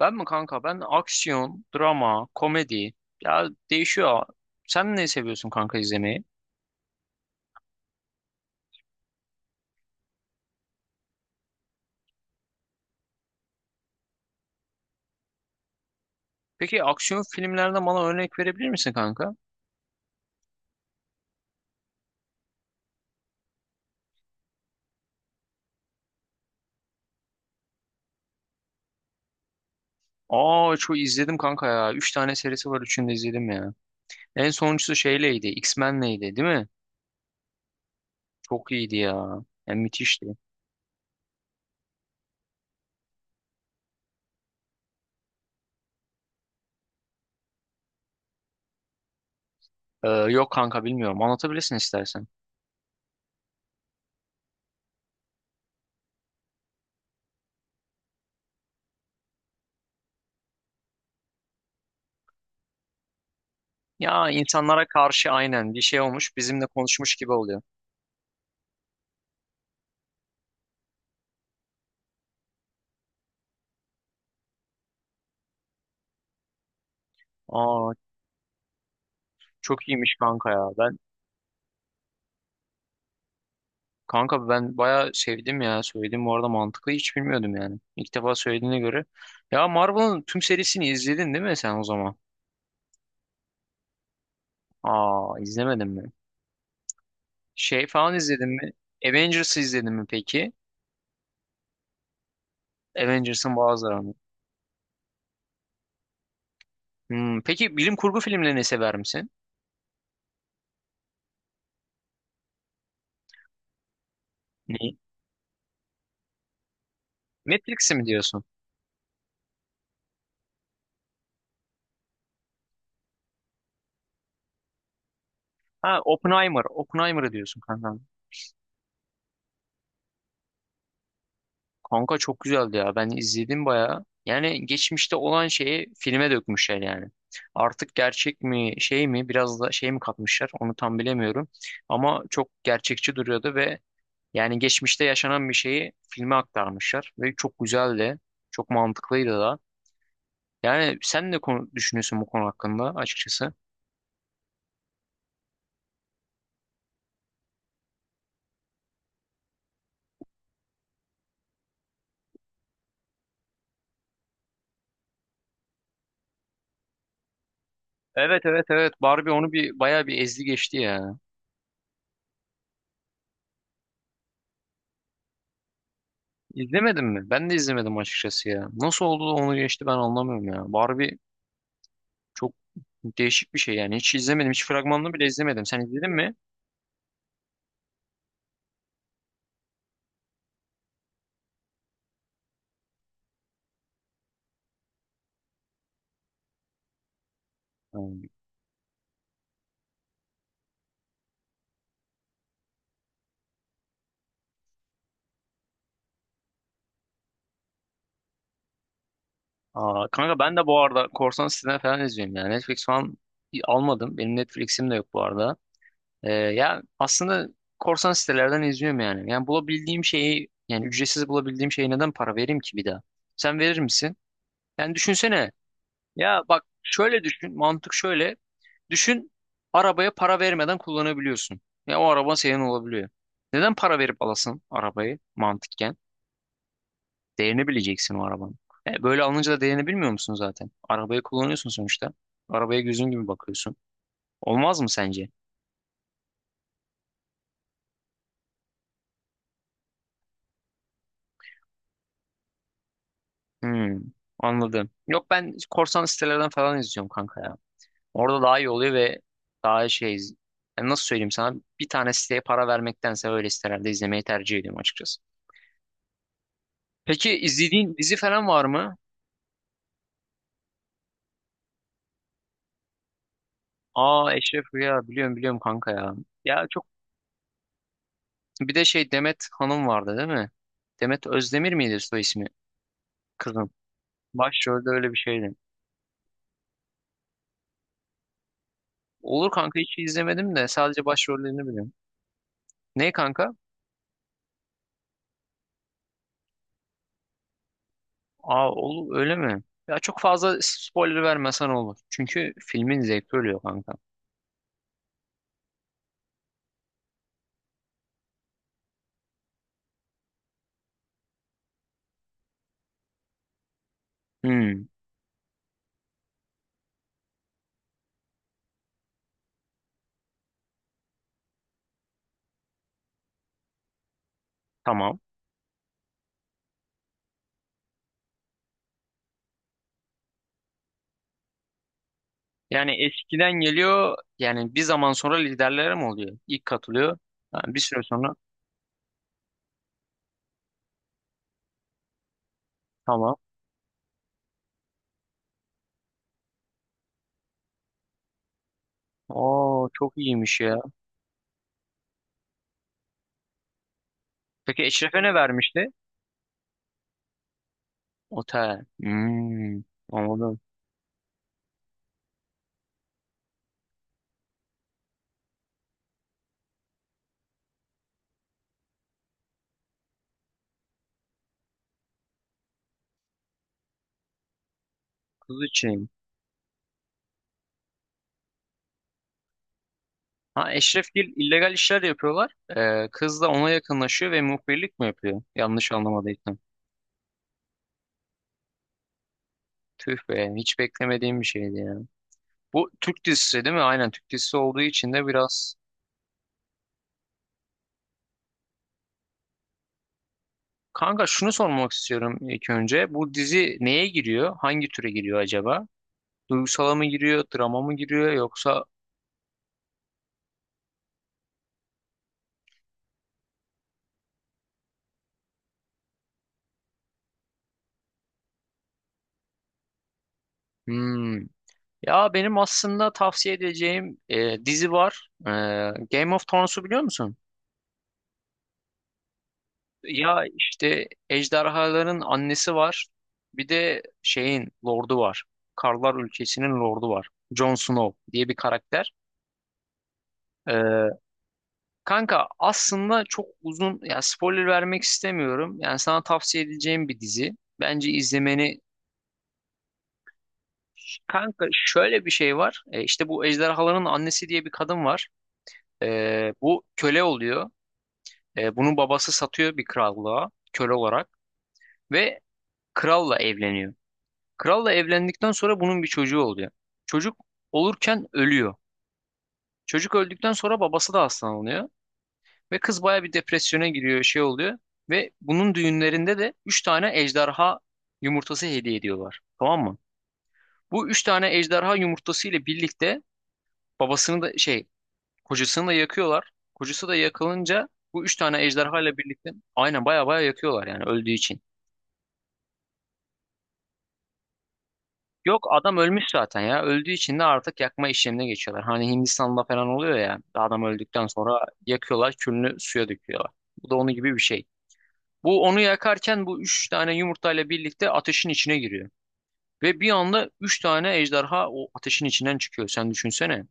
Ben mi kanka? Ben aksiyon, drama, komedi. Ya değişiyor. Sen ne seviyorsun kanka izlemeyi? Peki aksiyon filmlerden bana örnek verebilir misin kanka? Aa çok izledim kanka ya. Üç tane serisi var. Üçünü de izledim ya. En sonuncusu şeyleydi. X-Men'leydi değil mi? Çok iyiydi ya. Yani müthişti. Yok kanka bilmiyorum. Anlatabilirsin istersen. Ya insanlara karşı aynen bir şey olmuş. Bizimle konuşmuş gibi oluyor. Aa çok iyiymiş kanka ya. Ben kanka ben bayağı sevdim ya. Söyledim bu arada mantıklı hiç bilmiyordum yani. İlk defa söylediğine göre. Ya Marvel'ın tüm serisini izledin değil mi sen o zaman? Aa izlemedin mi? Şey falan izledin mi? Avengers'ı izledin mi peki? Avengers'ın bazılarını. Hmm, peki bilim kurgu filmlerini sever misin? Neyi? Matrix'i mi diyorsun? Ha Oppenheimer. Oppenheimer'ı diyorsun kanka. Kanka çok güzeldi ya. Ben izledim bayağı. Yani geçmişte olan şeyi filme dökmüşler yani. Artık gerçek mi şey mi biraz da şey mi katmışlar onu tam bilemiyorum. Ama çok gerçekçi duruyordu ve yani geçmişte yaşanan bir şeyi filme aktarmışlar. Ve çok güzeldi. Çok mantıklıydı da. Yani sen ne konu düşünüyorsun bu konu hakkında açıkçası? Evet evet evet Barbie onu bir bayağı bir ezdi geçti ya. İzlemedin mi? Ben de izlemedim açıkçası ya. Nasıl oldu da onu geçti ben anlamıyorum ya. Barbie çok değişik bir şey yani. Hiç izlemedim. Hiç fragmanını bile izlemedim. Sen izledin mi? Hmm. Aa, kanka ben de bu arada korsan siteden falan izliyorum yani. Netflix falan almadım. Benim Netflix'im de yok bu arada. Ya aslında korsan sitelerden izliyorum yani. Yani bulabildiğim şeyi yani ücretsiz bulabildiğim şeye neden para vereyim ki bir daha? Sen verir misin? Yani düşünsene. Ya bak şöyle düşün. Mantık şöyle. Düşün arabaya para vermeden kullanabiliyorsun. Ya o araba senin olabiliyor. Neden para verip alasın arabayı mantıken? Değerini bileceksin o arabanın. E, böyle alınca da değerini bilmiyor musun zaten? Arabayı kullanıyorsun sonuçta. Arabaya gözün gibi bakıyorsun. Olmaz mı sence? Hmm, anladım. Yok ben korsan sitelerden falan izliyorum kanka ya. Orada daha iyi oluyor ve daha şey yani nasıl söyleyeyim sana bir tane siteye para vermektense öyle sitelerde izlemeyi tercih ediyorum açıkçası. Peki izlediğin dizi falan var mı? Aa Eşref Rüya biliyorum kanka ya. Ya çok bir de şey Demet Hanım vardı değil mi? Demet Özdemir miydi soy ismi? Kızın. Başrolde öyle bir şeydi. Olur kanka hiç izlemedim de sadece başrollerini biliyorum. Ne kanka? Aa olur öyle mi? Ya çok fazla spoiler vermesen olur. Çünkü filmin zevki ölüyor kanka. Hmm, tamam. Yani eskiden geliyor yani bir zaman sonra liderlere mi oluyor? İlk katılıyor. Ha, bir süre sonra tamam. Oo çok iyiymiş ya. Peki Eşref'e ne vermişti? Otel. Hmm, anladım. Kız için. Ha Eşrefgil illegal işler yapıyorlar. Kız da ona yakınlaşıyor ve muhbirlik mi yapıyor? Yanlış anlamadıysam. Tüh be hiç beklemediğim bir şeydi ya. Bu Türk dizisi değil mi? Aynen Türk dizisi olduğu için de biraz... Kanka şunu sormak istiyorum ilk önce. Bu dizi neye giriyor? Hangi türe giriyor acaba? Duygusala mı giriyor? Drama mı giriyor? Yoksa... Hmm. Ya benim aslında tavsiye edeceğim dizi var. Game of Thrones'u biliyor musun? Ya işte ejderhaların annesi var. Bir de şeyin lordu var. Karlar ülkesinin lordu var. Jon Snow diye bir karakter. Ee, Kanka aslında çok uzun ya spoiler vermek istemiyorum. Yani sana tavsiye edeceğim bir dizi. Bence izlemeni kanka şöyle bir şey var. İşte bu ejderhaların annesi diye bir kadın var. Bu köle oluyor. Bunun babası satıyor bir krallığa köle olarak ve kralla evleniyor. Kralla evlendikten sonra bunun bir çocuğu oluyor. Çocuk olurken ölüyor. Çocuk öldükten sonra babası da hastalanıyor. Ve kız baya bir depresyona giriyor, şey oluyor. Ve bunun düğünlerinde de 3 tane ejderha yumurtası hediye ediyorlar. Tamam mı? Bu 3 tane ejderha yumurtası ile birlikte babasını da şey, kocasını da yakıyorlar. Kocası da yakılınca bu 3 tane ejderha ile birlikte aynen baya baya yakıyorlar yani öldüğü için. Yok adam ölmüş zaten ya. Öldüğü için de artık yakma işlemine geçiyorlar. Hani Hindistan'da falan oluyor ya. Adam öldükten sonra yakıyorlar, külünü suya döküyorlar. Bu da onun gibi bir şey. Bu onu yakarken bu üç tane yumurtayla birlikte ateşin içine giriyor. Ve bir anda üç tane ejderha o ateşin içinden çıkıyor. Sen düşünsene.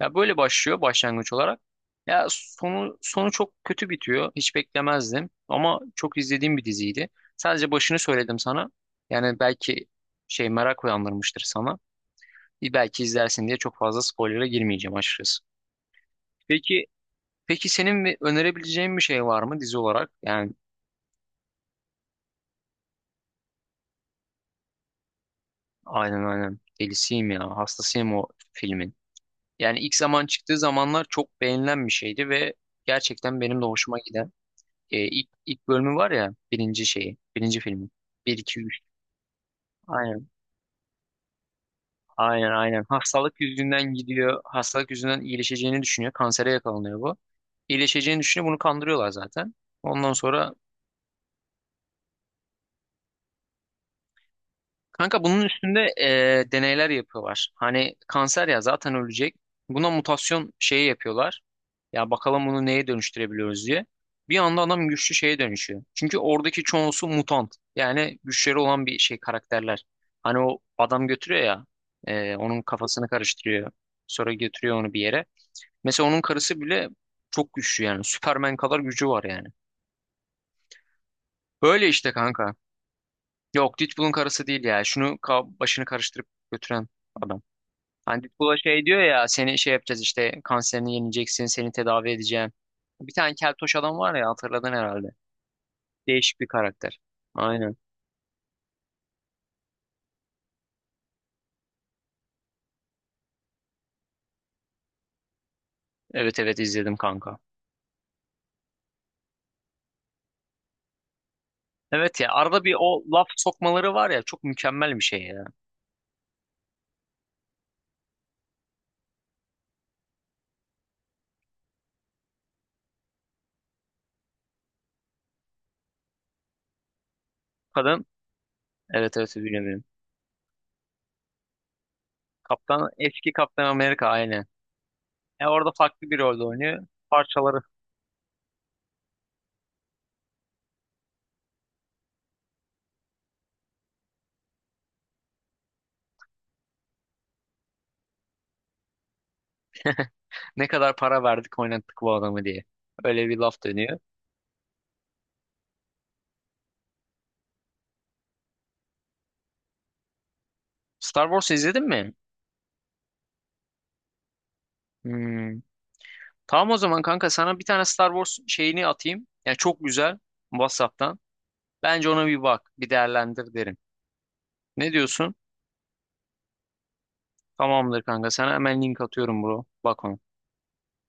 Ya böyle başlıyor başlangıç olarak. Ya sonu çok kötü bitiyor. Hiç beklemezdim. Ama çok izlediğim bir diziydi. Sadece başını söyledim sana. Yani belki şey merak uyandırmıştır sana. Bir belki izlersin diye çok fazla spoiler'a girmeyeceğim açıkçası. Peki peki senin bir önerebileceğin bir şey var mı dizi olarak? Yani aynen aynen delisiyim ya hastasıyım o filmin. Yani ilk zaman çıktığı zamanlar çok beğenilen bir şeydi ve gerçekten benim de hoşuma giden ilk bölümü var ya birinci şeyi birinci filmi. Bir 2 3. Aynen aynen aynen hastalık yüzünden gidiyor hastalık yüzünden iyileşeceğini düşünüyor kansere yakalanıyor bu. İyileşeceğini düşünüyor bunu kandırıyorlar zaten. Ondan sonra kanka bunun üstünde deneyler yapıyorlar. Hani kanser ya zaten ölecek. Buna mutasyon şeyi yapıyorlar. Ya bakalım bunu neye dönüştürebiliyoruz diye. Bir anda adam güçlü şeye dönüşüyor. Çünkü oradaki çoğusu mutant. Yani güçleri olan bir şey karakterler. Hani o adam götürüyor ya onun kafasını karıştırıyor. Sonra götürüyor onu bir yere. Mesela onun karısı bile çok güçlü yani. Superman kadar gücü var yani. Böyle işte kanka. Yok Deadpool'un karısı değil ya. Şunu ka- başını karıştırıp götüren adam. Hani Deadpool'a şey diyor ya seni şey yapacağız işte kanserini yeneceksin seni tedavi edeceğim. Bir tane keltoş adam var ya hatırladın herhalde. Değişik bir karakter. Aynen. Evet evet izledim kanka. Evet ya arada bir o laf sokmaları var ya çok mükemmel bir şey ya. Kadın evet evet biliyorum. Kaptan eski Kaptan Amerika aynen. E orada farklı bir rolde oynuyor. Parçaları ne kadar para verdik oynattık bu adamı diye. Öyle bir laf dönüyor. Star Wars izledin mi? Hmm. Tamam o zaman kanka sana bir tane Star Wars şeyini atayım. Yani çok güzel WhatsApp'tan. Bence ona bir bak, bir değerlendir derim. Ne diyorsun? Tamamdır kanka. Sana hemen link atıyorum bro. Bak ona.